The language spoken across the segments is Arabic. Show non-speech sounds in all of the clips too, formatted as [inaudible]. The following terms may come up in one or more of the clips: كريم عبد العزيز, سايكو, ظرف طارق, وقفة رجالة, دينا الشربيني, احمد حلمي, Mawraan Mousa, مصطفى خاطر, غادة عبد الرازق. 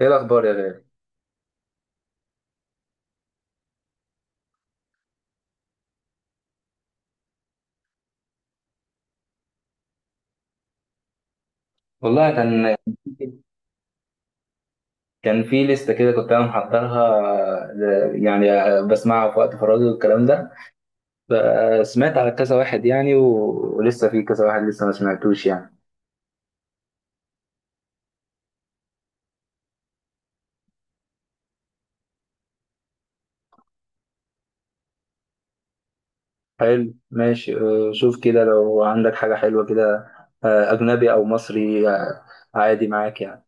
ايه الاخبار يا غالي؟ والله كان كان في لسته كده كنت انا محضرها، يعني بسمعها في وقت فراغي والكلام ده. فسمعت على كذا واحد يعني و- ولسه في كذا واحد لسه ما سمعتوش يعني. حلو، ماشي. شوف كده لو عندك حاجه حلوه كده، اجنبي او مصري، عادي معاك يعني.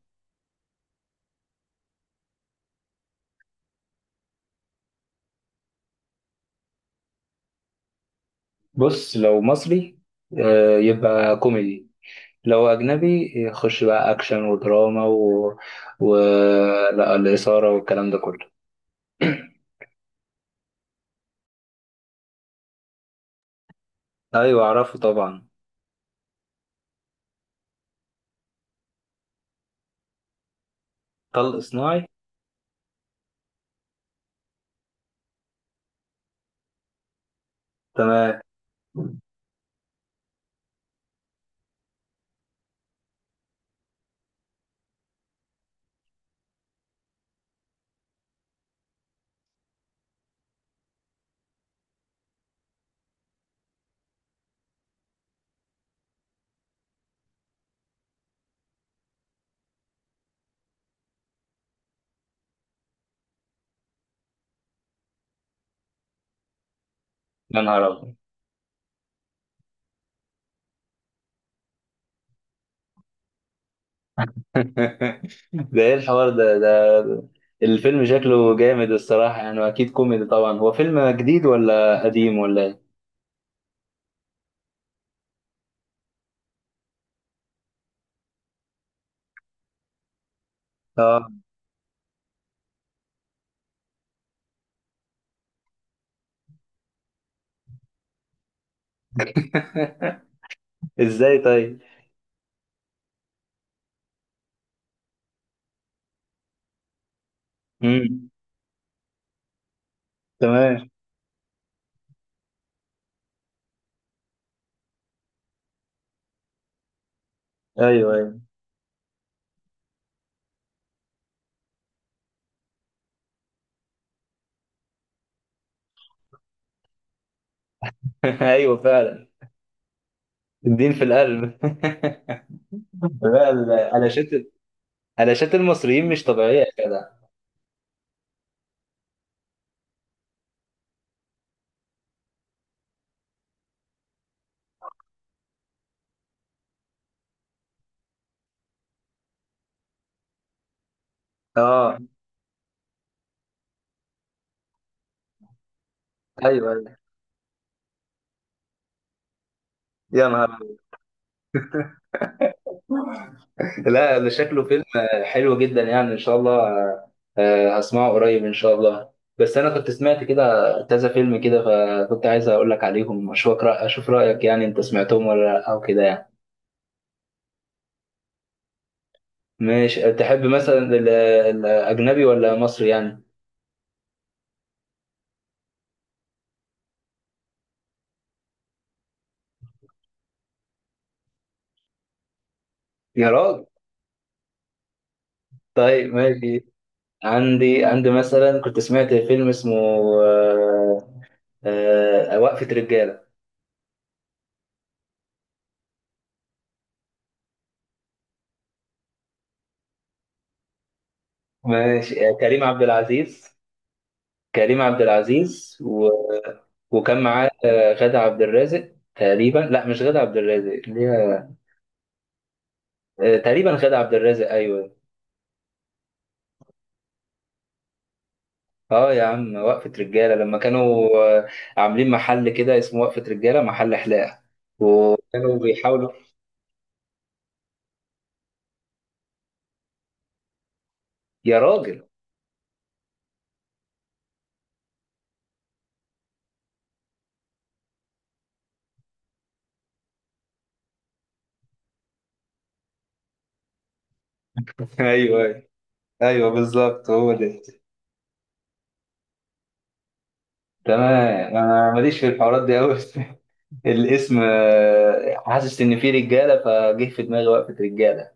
بص، لو مصري يبقى كوميدي. لو اجنبي يخش بقى اكشن ودراما و... لا، الإثارة والكلام ده كله. ايوه اعرفه طبعا. طلق صناعي. تمام. يا نهار ابيض! [laughs] ده ايه الحوار ده ده؟ الفيلم شكله جامد الصراحة يعني، واكيد كوميدي طبعا. هو فيلم جديد ولا قديم ولا ايه؟ اه. [laughs] ازاي طيب؟ امم. تمام. ايوه، ايوه. [laughs] ايوه فعلا، الدين في القلب. [laughs] لا، علاشات، علاشات المصريين مش طبيعية يا جدع. اه. ايوه ايوه. يا نهار! لا، ده شكله فيلم حلو جدا يعني، ان شاء الله. هسمعه قريب ان شاء الله. بس انا كنت سمعت كده كذا فيلم كده، فكنت عايز اقول لك عليهم اشوف اشوف رايك يعني، انت سمعتهم ولا لا او كده يعني. ماشي. تحب مثلا الاجنبي ولا مصري يعني؟ يا راجل! طيب ماشي. عندي مثلا كنت سمعت فيلم اسمه آه، وقفة رجالة. ماشي. كريم عبد العزيز. كريم عبد العزيز وكان معاه غادة عبد الرازق تقريبا. لا، مش غادة عبد الرازق، اللي هي تقريبا غادة عبد الرازق، ايوه. اه يا عم، وقفة رجالة، لما كانوا آه، عاملين محل كده اسمه وقفة رجالة، محل حلاقة، وكانوا بيحاولوا. يا راجل! [laughs] ايوه ايوه، بالظبط هو ده. تمام، انا ماليش في الحوارات دي قوي. [laughs] الاسم حاسس ان فيه رجاله فجه في دماغي، وقفه رجاله.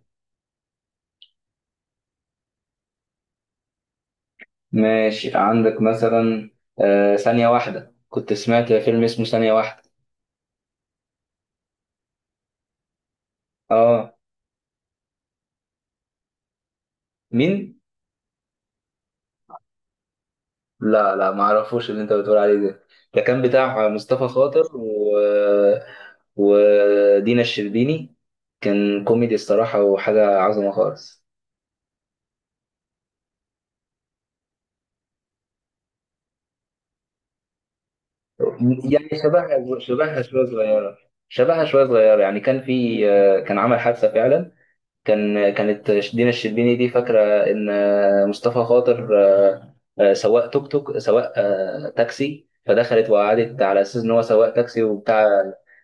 ماشي. عندك مثلا آه ثانية واحدة؟ كنت سمعت فيلم اسمه ثانية واحدة. اه. مين؟ لا لا، ما اعرفوش اللي انت بتقول عليه ده. ده كان بتاع مصطفى خاطر ودينا الشربيني. كان كوميدي الصراحة وحاجة عظمة خالص. يعني شبهها، شبهها شوية صغيرة يعني. كان في كان عمل حادثة فعلا. كانت دينا الشربيني دي فاكرة إن مصطفى خاطر سواق توك توك، سواق تاكسي، فدخلت وقعدت على أساس إن هو سواق تاكسي وبتاع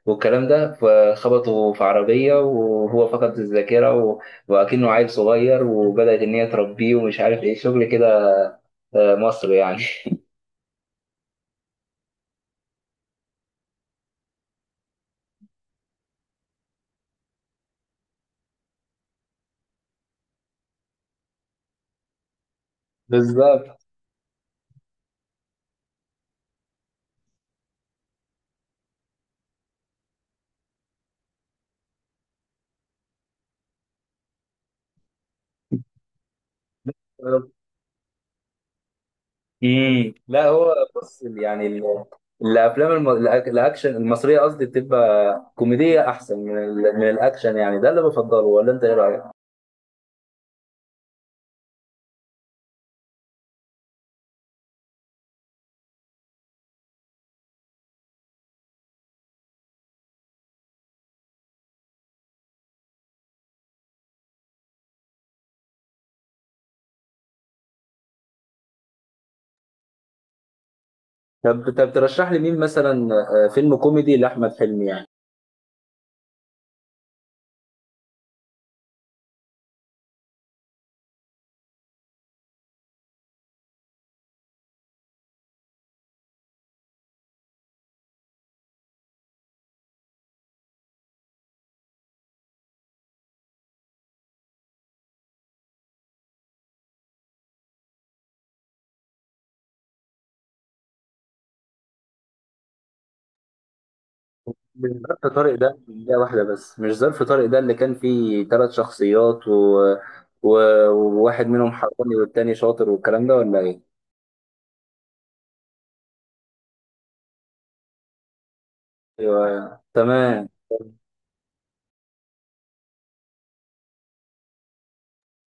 والكلام ده. فخبطوا في عربية وهو فقد الذاكرة وأكنه عيل صغير، وبدأت إن هي تربيه ومش عارف إيه، شغل كده مصر يعني. [laughs] بالظبط. امم، لا هو بص يعني الافلام الاكشن المصريه قصدي بتبقى كوميديه احسن من من الاكشن يعني، ده اللي بفضله، ولا انت ايه رايك؟ طب ترشح لي مين مثلا فيلم كوميدي لاحمد حلمي يعني؟ مش ظرف طارق ده، ده واحده بس، مش ظرف طارق ده اللي كان فيه ثلاث شخصيات و... وواحد منهم حراني والتاني شاطر والكلام ده، ولا ايه؟ ايوه تمام.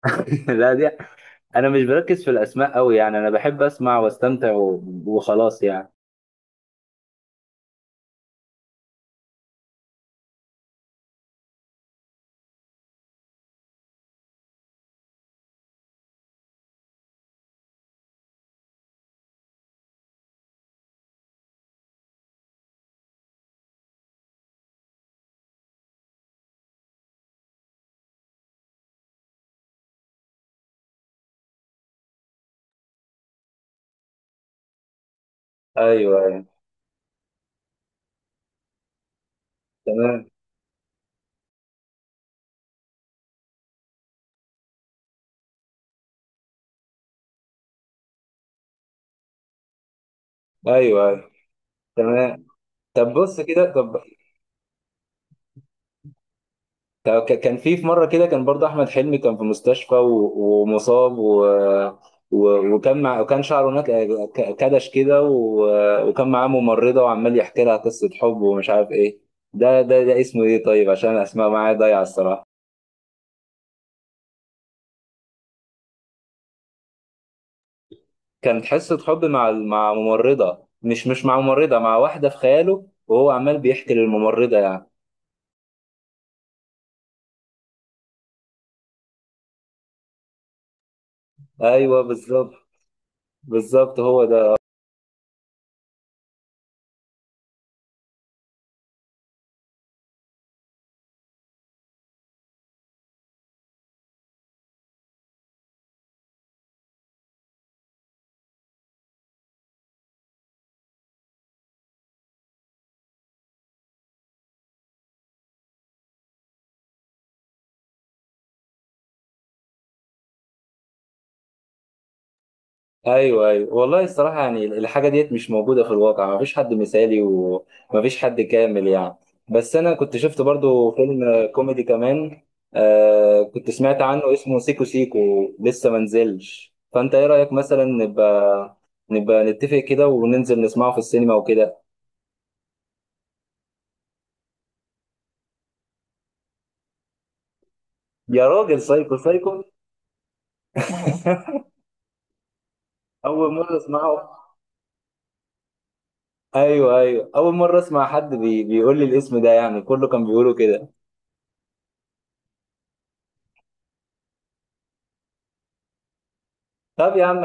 [laughs] لا دي، انا مش بركز في الاسماء قوي يعني، انا بحب اسمع واستمتع وخلاص يعني. ايوه ايوه. تمام. ايوه ايوه. تمام. طب بص كده. طب، كان في مره كده كان برضه احمد حلمي كان في مستشفى ومصاب وكان وكان شعره كدش كده وكان معاه ممرضه وعمال يحكي لها قصه حب ومش عارف ايه. ده ده اسمه ايه طيب؟ عشان الاسماء معايا ضايعه الصراحه. كانت حصه حب مع ممرضه، مش مع ممرضه، مع واحده في خياله، وهو عمال بيحكي للممرضه يعني. ايوه بالظبط. بالظبط هو ده. ايوه ايوه، والله الصراحه يعني الحاجه ديت مش موجوده في الواقع، ما فيش حد مثالي وما فيش حد كامل يعني. بس انا كنت شفت برضو فيلم كوميدي كمان، آه كنت سمعت عنه اسمه سيكو سيكو. لسه ما نزلش، فانت ايه رايك مثلا نبقى نتفق كده وننزل نسمعه في السينما وكده. يا راجل، سايكو سايكو! [laughs] اول مره اسمعه. ايوه ايوه، اول مره اسمع حد بيقول لي الاسم ده يعني، كله كان بيقوله كده. طب يا عم،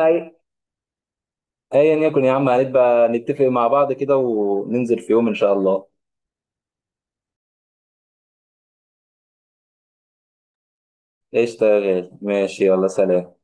ايا يكن يا عم، هنبقى نتفق مع بعض كده وننزل في يوم ان شاء الله. قشطة يا غالي، ماشي، يلا سلام.